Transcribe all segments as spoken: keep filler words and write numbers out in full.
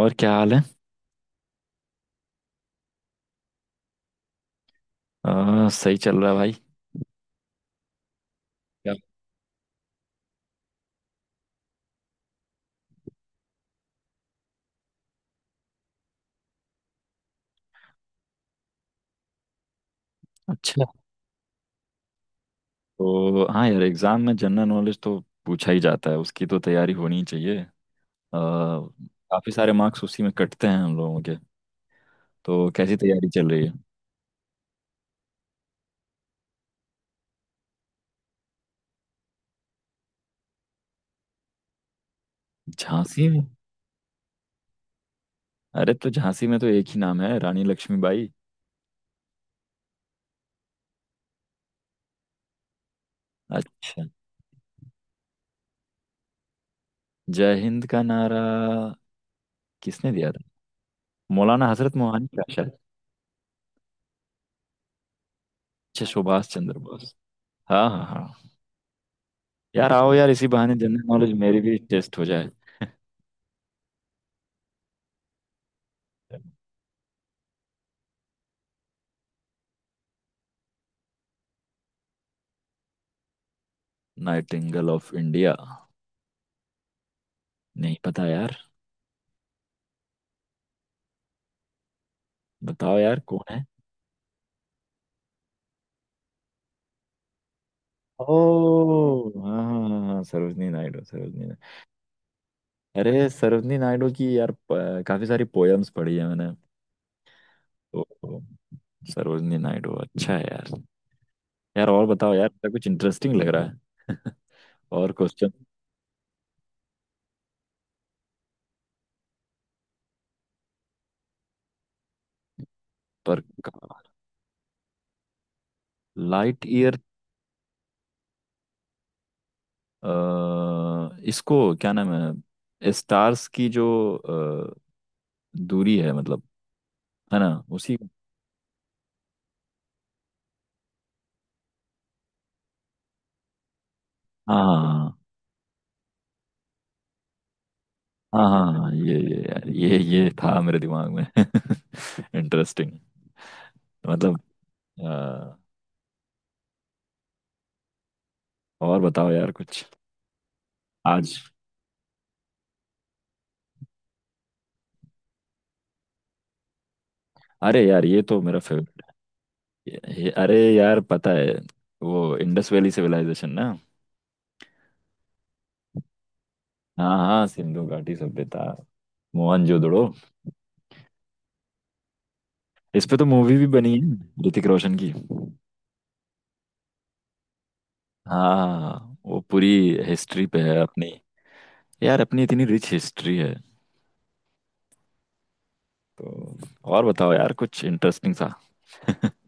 और क्या हाल है। आ, सही चल रहा है भाई। क्या? अच्छा। तो हाँ यार, एग्जाम में जनरल नॉलेज तो पूछा ही जाता है, उसकी तो तैयारी होनी ही चाहिए। आ, काफी सारे मार्क्स उसी में कटते हैं हम लोगों के। तो कैसी तैयारी चल रही है? झांसी में? अरे तो झांसी में तो एक ही नाम है, रानी लक्ष्मीबाई। अच्छा। जय हिंद का नारा किसने दिया था? मौलाना हजरत मोहानी का शायद। अच्छा, सुभाष चंद्र बोस। हाँ हाँ हाँ। यार आओ यार, इसी बहाने जनरल नॉलेज मेरी भी टेस्ट हो जाए। Nightingale of India? नहीं पता यार, बताओ यार कौन है। ओ हाँ हाँ हाँ हाँ, सरोजनी नायडू, सरोजनी नायडू। अरे सरोजनी नायडू की यार प- काफी सारी पोयम्स पढ़ी है मैंने। तो तो सरोजनी नायडू अच्छा है यार। यार और बताओ यार, ऐसा कुछ इंटरेस्टिंग लग रहा है? और क्वेश्चन। पर लाइट ईयर? इसको क्या नाम है, स्टार्स की जो अ, दूरी है मतलब, है ना? उसी। हाँ हाँ हाँ हाँ, ये ये यार ये ये था मेरे दिमाग में। इंटरेस्टिंग मतलब। अ, और बताओ यार कुछ। आज? अरे यार ये तो मेरा फेवरेट। ये, ये- अरे यार पता है, वो इंडस वैली सिविलाइजेशन ना। हाँ हाँ, सिंधु घाटी सभ्यता, मोहनजोदड़ो। इस पे तो मूवी भी बनी है ऋतिक रोशन की। हाँ वो पूरी हिस्ट्री पे है अपनी। यार अपनी इतनी रिच हिस्ट्री है। तो और बताओ यार कुछ इंटरेस्टिंग सा।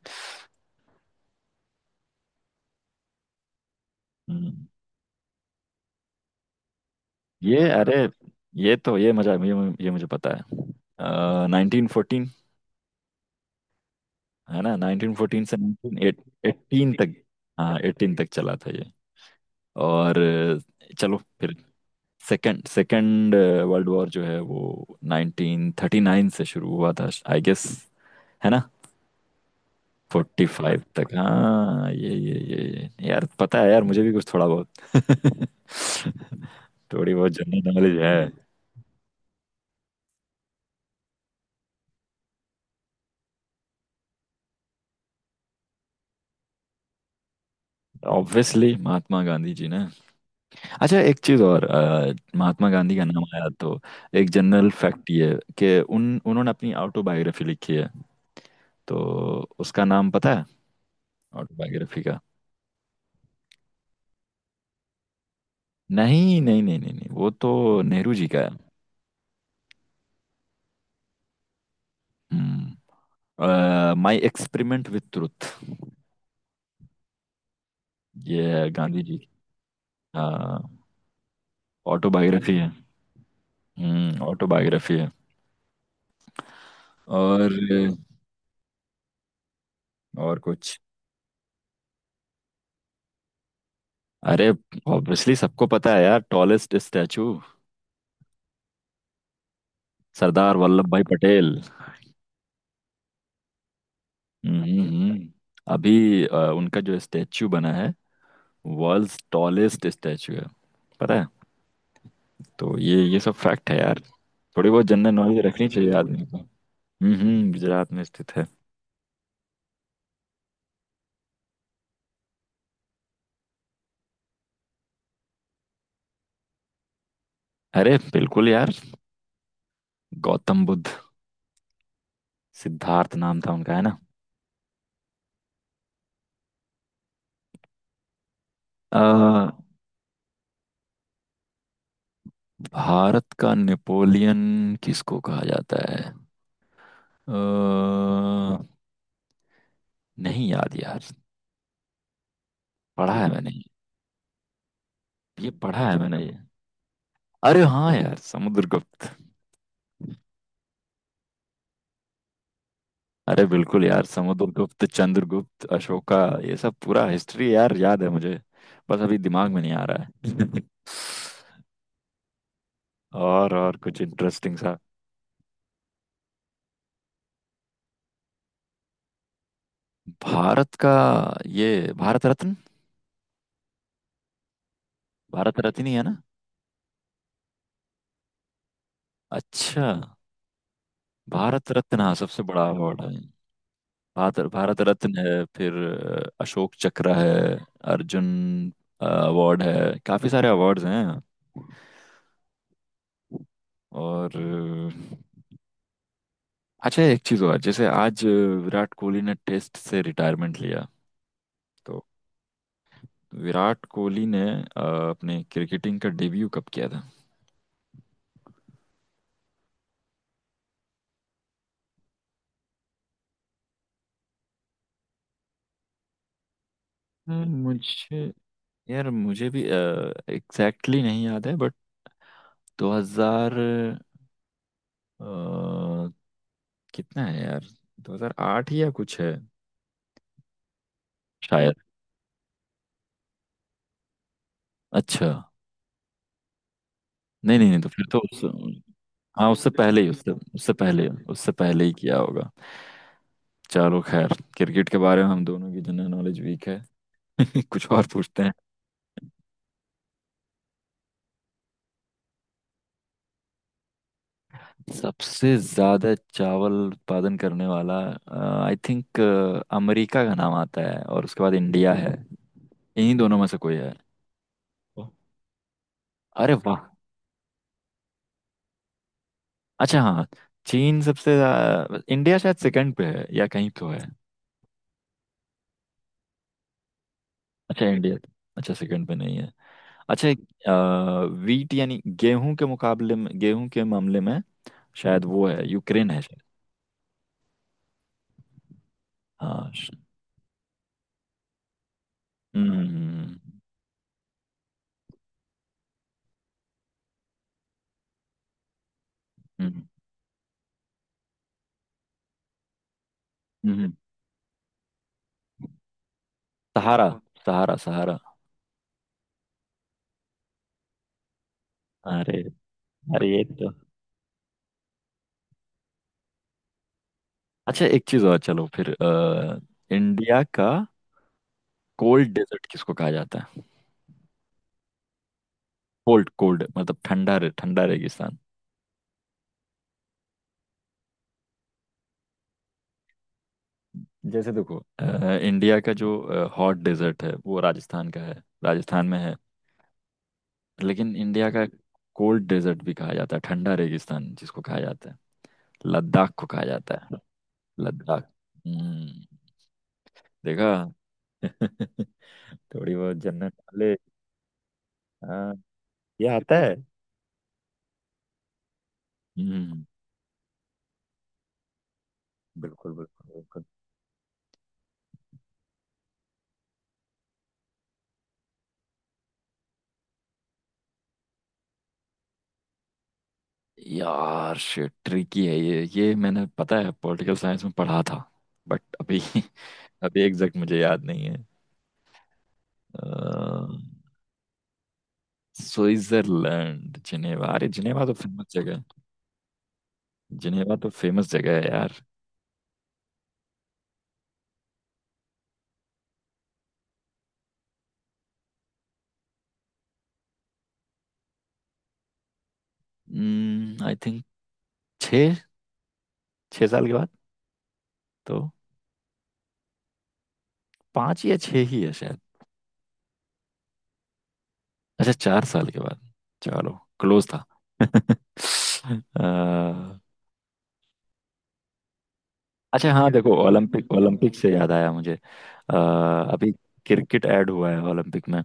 हम्म। ये अरे, ये तो ये मजा, ये, ये मुझे पता है, नाइनटीन फोर्टीन। है ना? नाइनटीन फोर्टीन से नाइनटीन तक। हाँ एटीन तक चला था ये। और अ, चलो फिर सेकंड सेकंड वर्ल्ड वॉर जो है वो नाइनटीन थर्टी नाइन से शुरू हुआ था, आई गेस। है ना? फोर्टी फाइव तक। हाँ ये ये ये ये यार, पता है यार मुझे भी कुछ थोड़ा बहुत। थोड़ी बहुत जनरल नॉलेज है। ऑब्वियसली महात्मा गांधी जी ने। अच्छा एक चीज और, अ, महात्मा गांधी का नाम आया तो एक जनरल फैक्ट ये कि उन उन्होंने अपनी ऑटोबायोग्राफी लिखी है, तो उसका नाम पता है ऑटोबायोग्राफी का? नहीं नहीं नहीं नहीं नहीं, वो तो नेहरू जी का है। हम्म। माय एक्सपेरिमेंट विथ ट्रुथ, ये है गांधी जी की। हाँ ऑटोबायोग्राफी है। हम्म ऑटोबायोग्राफी है। और और कुछ। अरे ऑब्वियसली सबको पता है यार, टॉलेस्ट स्टैचू, सरदार वल्लभ भाई पटेल। हम्म हम्म। अभी अ, उनका जो स्टैचू बना है वर्ल्ड्स टॉलेस्ट स्टैचू है, पता है? तो ये ये सब फैक्ट है यार, थोड़ी बहुत जनरल नॉलेज रखनी चाहिए आदमी को। हम्म हम्म, गुजरात में स्थित है। अरे बिल्कुल यार, गौतम बुद्ध, सिद्धार्थ नाम था उनका, है ना? अ, भारत का नेपोलियन किसको कहा जाता है? अ, नहीं याद यार, पढ़ा है मैंने, ये पढ़ा है मैंने ये। अरे हाँ यार, समुद्रगुप्त। अरे बिल्कुल यार, समुद्रगुप्त, चंद्रगुप्त, अशोका, ये सब पूरा हिस्ट्री यार याद है मुझे, बस अभी दिमाग में नहीं आ रहा है। और और कुछ इंटरेस्टिंग सा। भारत का? ये भारत रत्न, भारत रत्न ही है ना? अच्छा भारत रत्न, हाँ सबसे बड़ा अवार्ड है। भारत भारत रत्न है, फिर अ, अशोक चक्र है, अर्जुन अवार्ड है, काफी सारे अवार्ड्स हैं। और अच्छा एक चीज और, जैसे आज अ, विराट कोहली ने टेस्ट से रिटायरमेंट लिया, तो विराट कोहली ने अ, अपने क्रिकेटिंग का डेब्यू कब किया था? यार, मुझे यार मुझे भी एग्जैक्टली exactly नहीं याद है, बट दो हज़ार, अ, कितना है यार, दो हज़ार आठ या कुछ है शायद। अच्छा नहीं नहीं नहीं, तो फिर तो उस, हाँ उससे पहले ही, उससे उससे पहले, उससे पहले ही किया होगा। चलो खैर, क्रिकेट के बारे में हम दोनों की जनरल नॉलेज वीक है। कुछ और पूछते हैं। सबसे ज्यादा चावल उत्पादन करने वाला? आई थिंक अमेरिका का नाम आता है और उसके बाद इंडिया है, इन्हीं दोनों में से कोई है। ओ, अरे वाह। अच्छा हाँ, चीन सबसे ज्यादा, इंडिया शायद सेकंड पे है या कहीं तो है। अच्छा इंडिया, अच्छा सेकंड पे नहीं है। अच्छा। वीट यानी गेहूं के मुकाबले में, गेहूं के मामले में शायद वो है, यूक्रेन है शायद। हाँ श- हम्म हम्म हम्म, हम्म, हम्म, हम्म। सहारा, सहारा सहारा। अरे अरे ये तो। अच्छा एक चीज और चलो फिर, अ, इंडिया का कोल्ड डेजर्ट किसको कहा जाता है? कोल्ड कोल्ड मतलब ठंडा, रे ठंडा रेगिस्तान। जैसे देखो अ, इंडिया का जो हॉट डेजर्ट है वो राजस्थान का है, राजस्थान में है। लेकिन इंडिया का कोल्ड डेजर्ट भी कहा जाता है, ठंडा रेगिस्तान जिसको कहा जाता है, लद्दाख को कहा जाता है, लद्दाख। हम्म देखा। थोड़ी बहुत जन्नत वाले। हाँ ये आता है। हम्म। बिल्कुल बिल्कुल बिल्कुल। यार शिट ट्रिकी है ये ये मैंने पता है पॉलिटिकल साइंस में पढ़ा था बट अभी अभी एग्जैक्ट मुझे याद नहीं है। अ, स्विट्जरलैंड, जिनेवा, अरे जिनेवा तो फेमस जगह है, जिनेवा तो फेमस जगह है यार। आई थिंक छः, छः साल के बाद तो, पाँच या छः ही है शायद। अच्छा चार साल के बाद, चलो क्लोज था। अ, अच्छा हाँ देखो, ओलंपिक, ओलंपिक से याद आया मुझे। अ, अभी क्रिकेट ऐड हुआ है ओलंपिक में।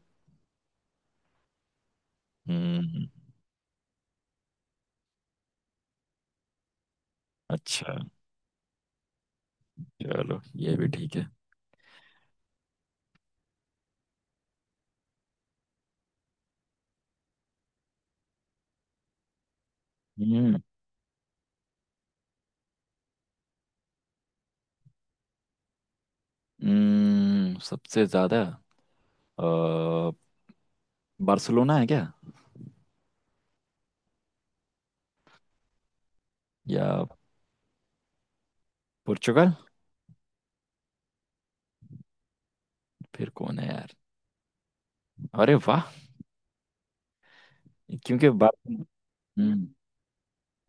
हम्म। अच्छा चलो ये भी ठीक है। हम्म हम्म, सबसे ज्यादा अ, बार्सिलोना है क्या, या पुर्तगाल? फिर कौन है यार? अरे वाह, क्योंकि बार। हम्म।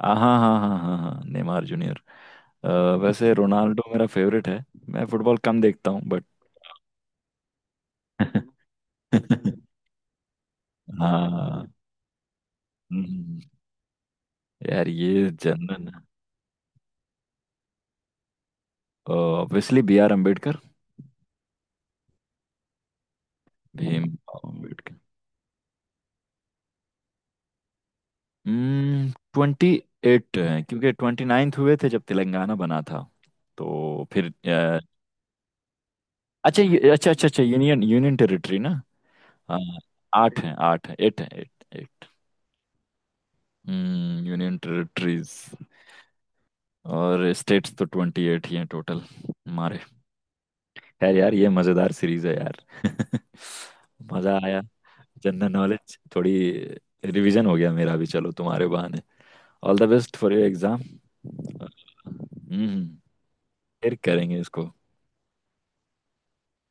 हाँ हाँ हाँ हाँ हाँ, नेमार जूनियर। अ, वैसे रोनाल्डो मेरा फेवरेट है, मैं फुटबॉल कम देखता हूँ बट। हाँ। हम्म, यार ये general. Obviously B R Ambedkar, Bhim Ambedkar. Twenty eight है, क्योंकि ट्वेंटी नाइन्थ हुए थे जब तेलंगाना बना था, तो फिर अ, अच्छा ये, अच्छा अच्छा अच्छा, यूनियन, यूनियन टेरिटरी ना? हाँ, आठ है, आठ है, एट है, एट एट। हम्म, यूनियन टेरिटरीज। और स्टेट्स तो ट्वेंटी एट ही हैं टोटल हमारे। खैर यार ये मज़ेदार सीरीज है यार। मज़ा आया, जनरल नॉलेज थोड़ी रिवीजन हो गया मेरा भी, चलो तुम्हारे बहाने। All the best for your exam. हम्म, फिर करेंगे इसको।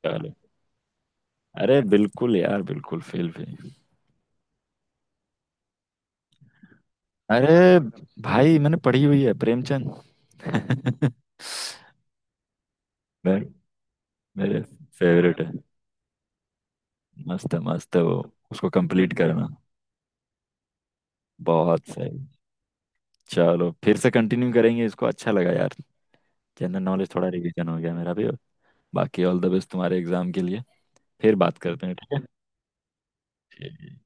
चलो अरे बिल्कुल यार, बिल्कुल, फेल फेल। अरे भाई, मैंने पढ़ी हुई है, प्रेमचंद। मैं, मेरे फेवरेट है, मस्त है, मस्त है वो, उसको कंप्लीट करना। बहुत सही। चलो फिर से कंटिन्यू करेंगे इसको, अच्छा लगा यार, जनरल नॉलेज थोड़ा रिवीजन हो गया मेरा भी। बाकी ऑल द बेस्ट तुम्हारे एग्जाम के लिए, फिर बात करते हैं, ठीक है? ठीक है।